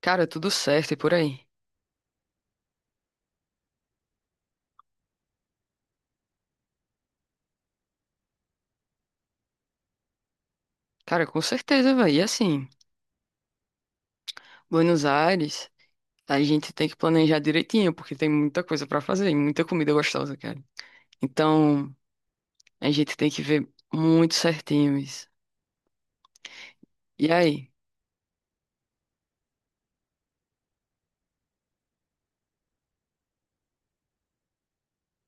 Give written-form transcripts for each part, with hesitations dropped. Cara, tudo certo e por aí. Cara, com certeza, velho. E assim, Buenos Aires, a gente tem que planejar direitinho, porque tem muita coisa pra fazer e muita comida gostosa, cara. Então, a gente tem que ver muito certinho isso. E aí,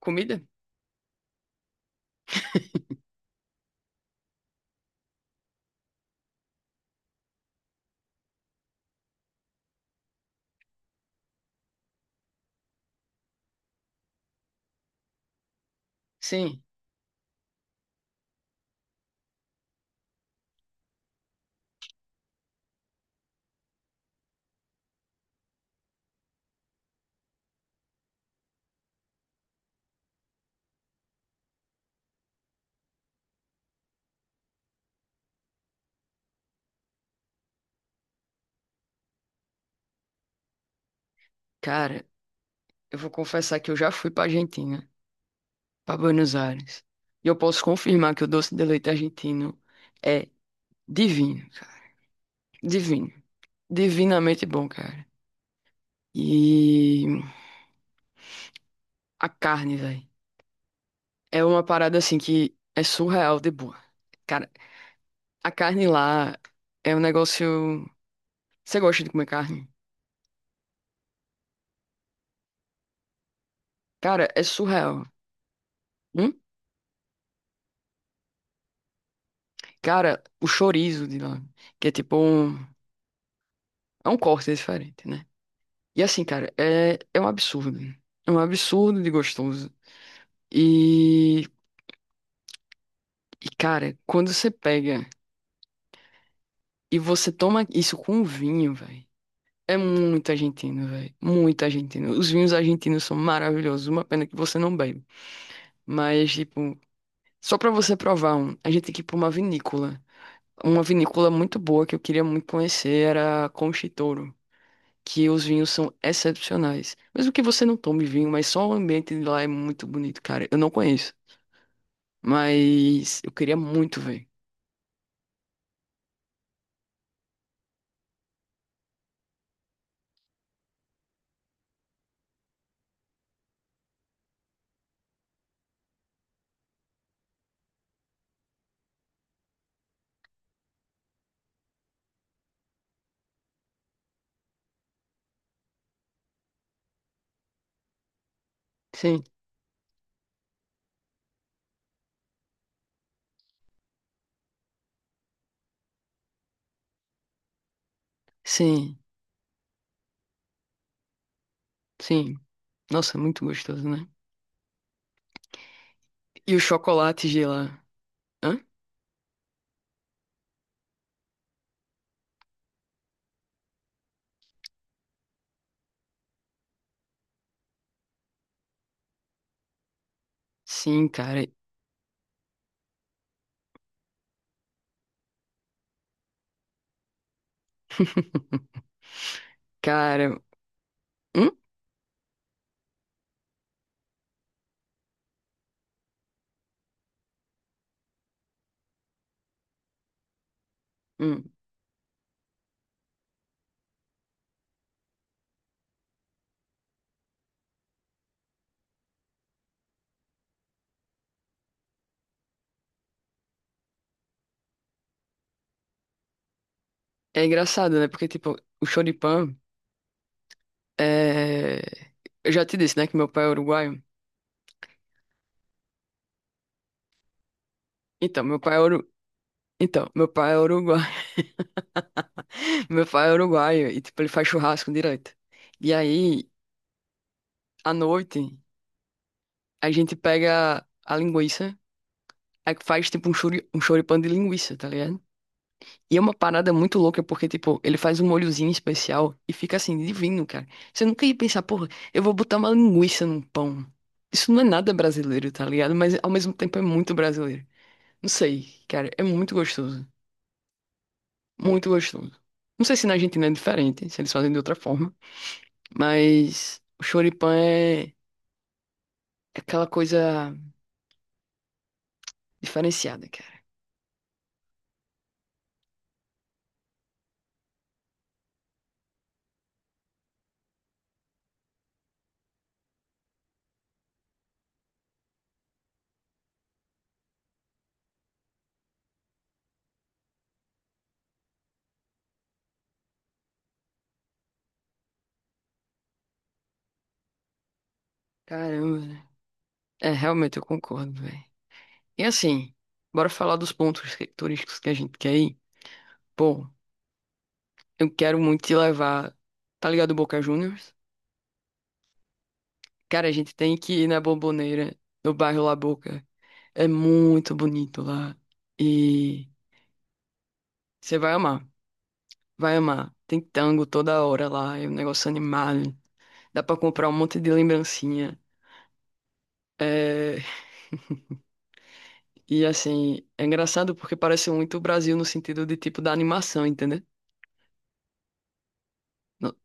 comida? Sim. Cara, eu vou confessar que eu já fui pra Argentina, pra Buenos Aires. E eu posso confirmar que o doce de leite argentino é divino, cara. Divino. Divinamente bom, cara. E a carne, velho. É uma parada assim que é surreal de boa. Cara, a carne lá é um negócio. Você gosta de comer carne? Cara, é surreal. Hum? Cara, o chorizo de lá, que é tipo um. É um corte diferente, né? E assim, cara, é um absurdo. É um absurdo de gostoso. E, e, cara, quando você pega e você toma isso com vinho, velho. É muito argentino, velho. Muito argentino. Os vinhos argentinos são maravilhosos. Uma pena que você não bebe. Mas, tipo. Só pra você provar um, a gente tem que ir pra uma vinícola. Uma vinícola muito boa que eu queria muito conhecer era a Conchitouro, que os vinhos são excepcionais. Mesmo que você não tome vinho, mas só o ambiente de lá é muito bonito, cara. Eu não conheço, mas eu queria muito ver. Sim, sim, sim. Nossa, muito gostoso, né? E os chocolates de lá? Hã? Sim, cara. Cara, hum? Hum. É engraçado, né? Porque, tipo, o choripan. É. Eu já te disse, né, que meu pai é uruguaio. Então, meu pai é uru... Então, meu pai é uruguaio. Meu pai é uruguaio e, tipo, ele faz churrasco direto. E aí, à noite, a gente pega a linguiça, aí faz, tipo, um choripã de linguiça, tá ligado? E é uma parada muito louca, porque, tipo, ele faz um molhozinho especial e fica, assim, divino, cara. Você nunca ia pensar, porra, eu vou botar uma linguiça num pão. Isso não é nada brasileiro, tá ligado? Mas, ao mesmo tempo, é muito brasileiro. Não sei, cara, é muito gostoso. Muito gostoso. Não sei se na Argentina é diferente, se eles fazem de outra forma, mas o choripã é aquela coisa diferenciada, cara. Caramba, né? É, realmente eu concordo, velho. E assim, bora falar dos pontos turísticos que a gente quer ir. Pô, eu quero muito te levar, tá ligado, Boca Juniors? Cara, a gente tem que ir na Bomboneira, no bairro La Boca. É muito bonito lá. E você vai amar, vai amar. Tem tango toda hora lá, é um negócio animado. Dá pra comprar um monte de lembrancinha. É, e assim, é engraçado porque parece muito o Brasil no sentido de tipo da animação, entendeu? No-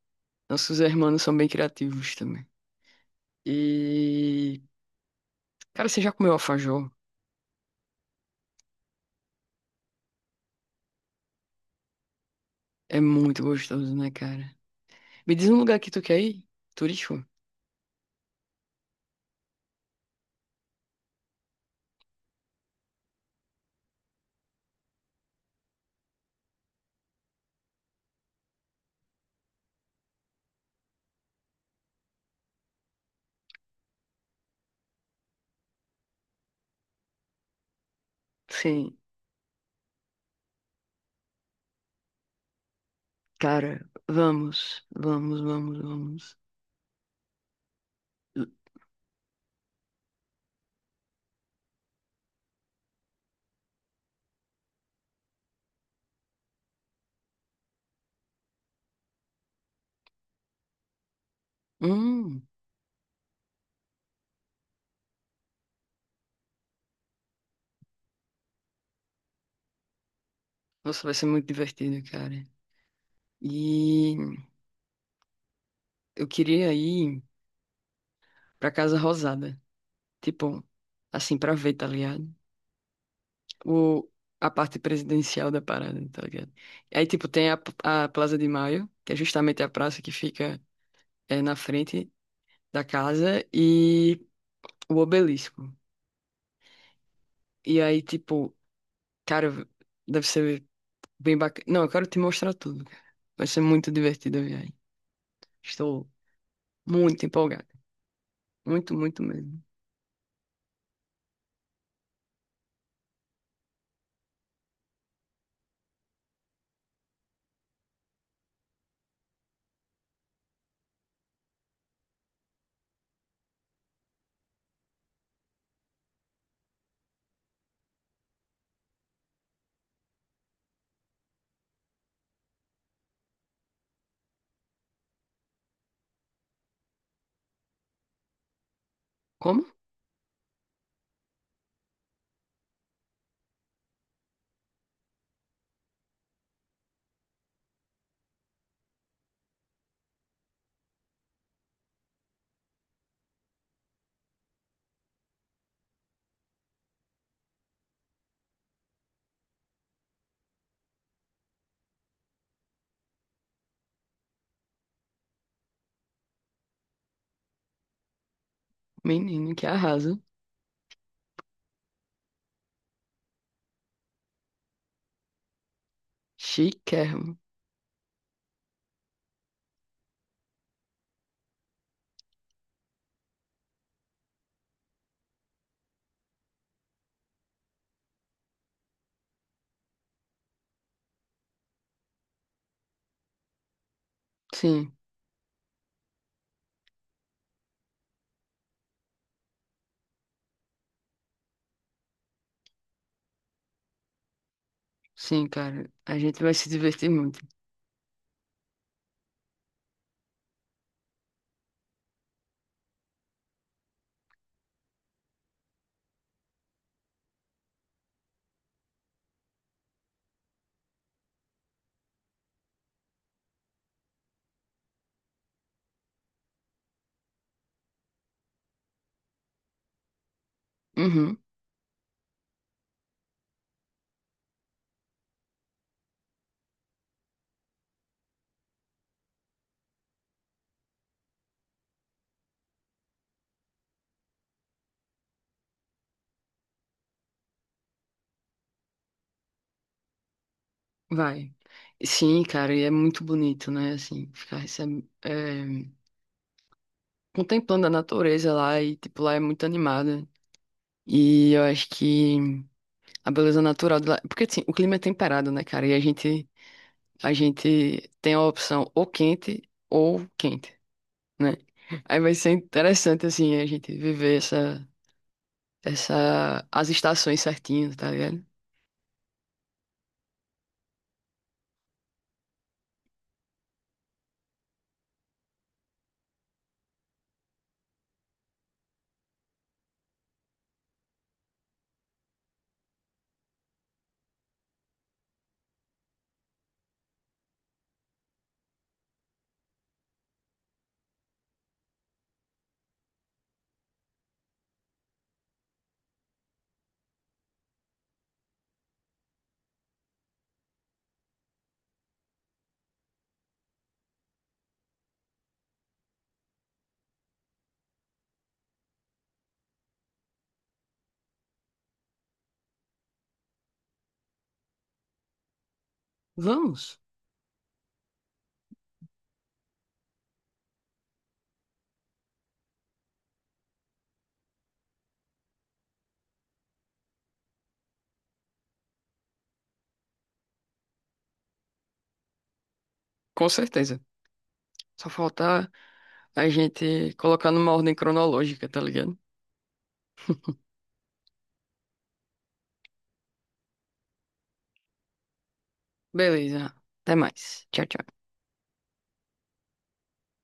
Nossos irmãos são bem criativos também. E, cara, você já comeu alfajor? É muito gostoso, né, cara? Me diz um lugar que tu quer ir? Turístico? Sim. Cara, vamos, vamos, vamos, vamos. Hum, nossa, vai ser muito divertido, cara. E eu queria ir pra Casa Rosada. Tipo, assim, pra ver, tá ligado? O, a parte presidencial da parada, tá ligado? Aí, tipo, tem a Plaza de Maio, que é justamente a praça que fica na frente da casa, e o Obelisco. E aí, tipo, cara, deve ser bem bacana. Não, eu quero te mostrar tudo, cara. Vai ser muito divertido a viagem. Estou muito empolgado. Muito, muito mesmo. Como? Menino, que arraso. Chiquérrimo. Sim, sim, cara. A gente vai se divertir muito. Uhum. Vai. Sim, cara, e é muito bonito, né? Assim, ficar contemplando a natureza lá e, tipo, lá é muito animada. E eu acho que a beleza natural de lá. Porque, assim, o clima é temperado, né, cara? E a gente tem a opção ou quente, né? Aí vai ser interessante, assim, a gente viver as estações certinho, tá ligado? Vamos, com certeza. Só falta a gente colocar numa ordem cronológica, tá ligado? Beleza. Até mais. Tchau, tchau.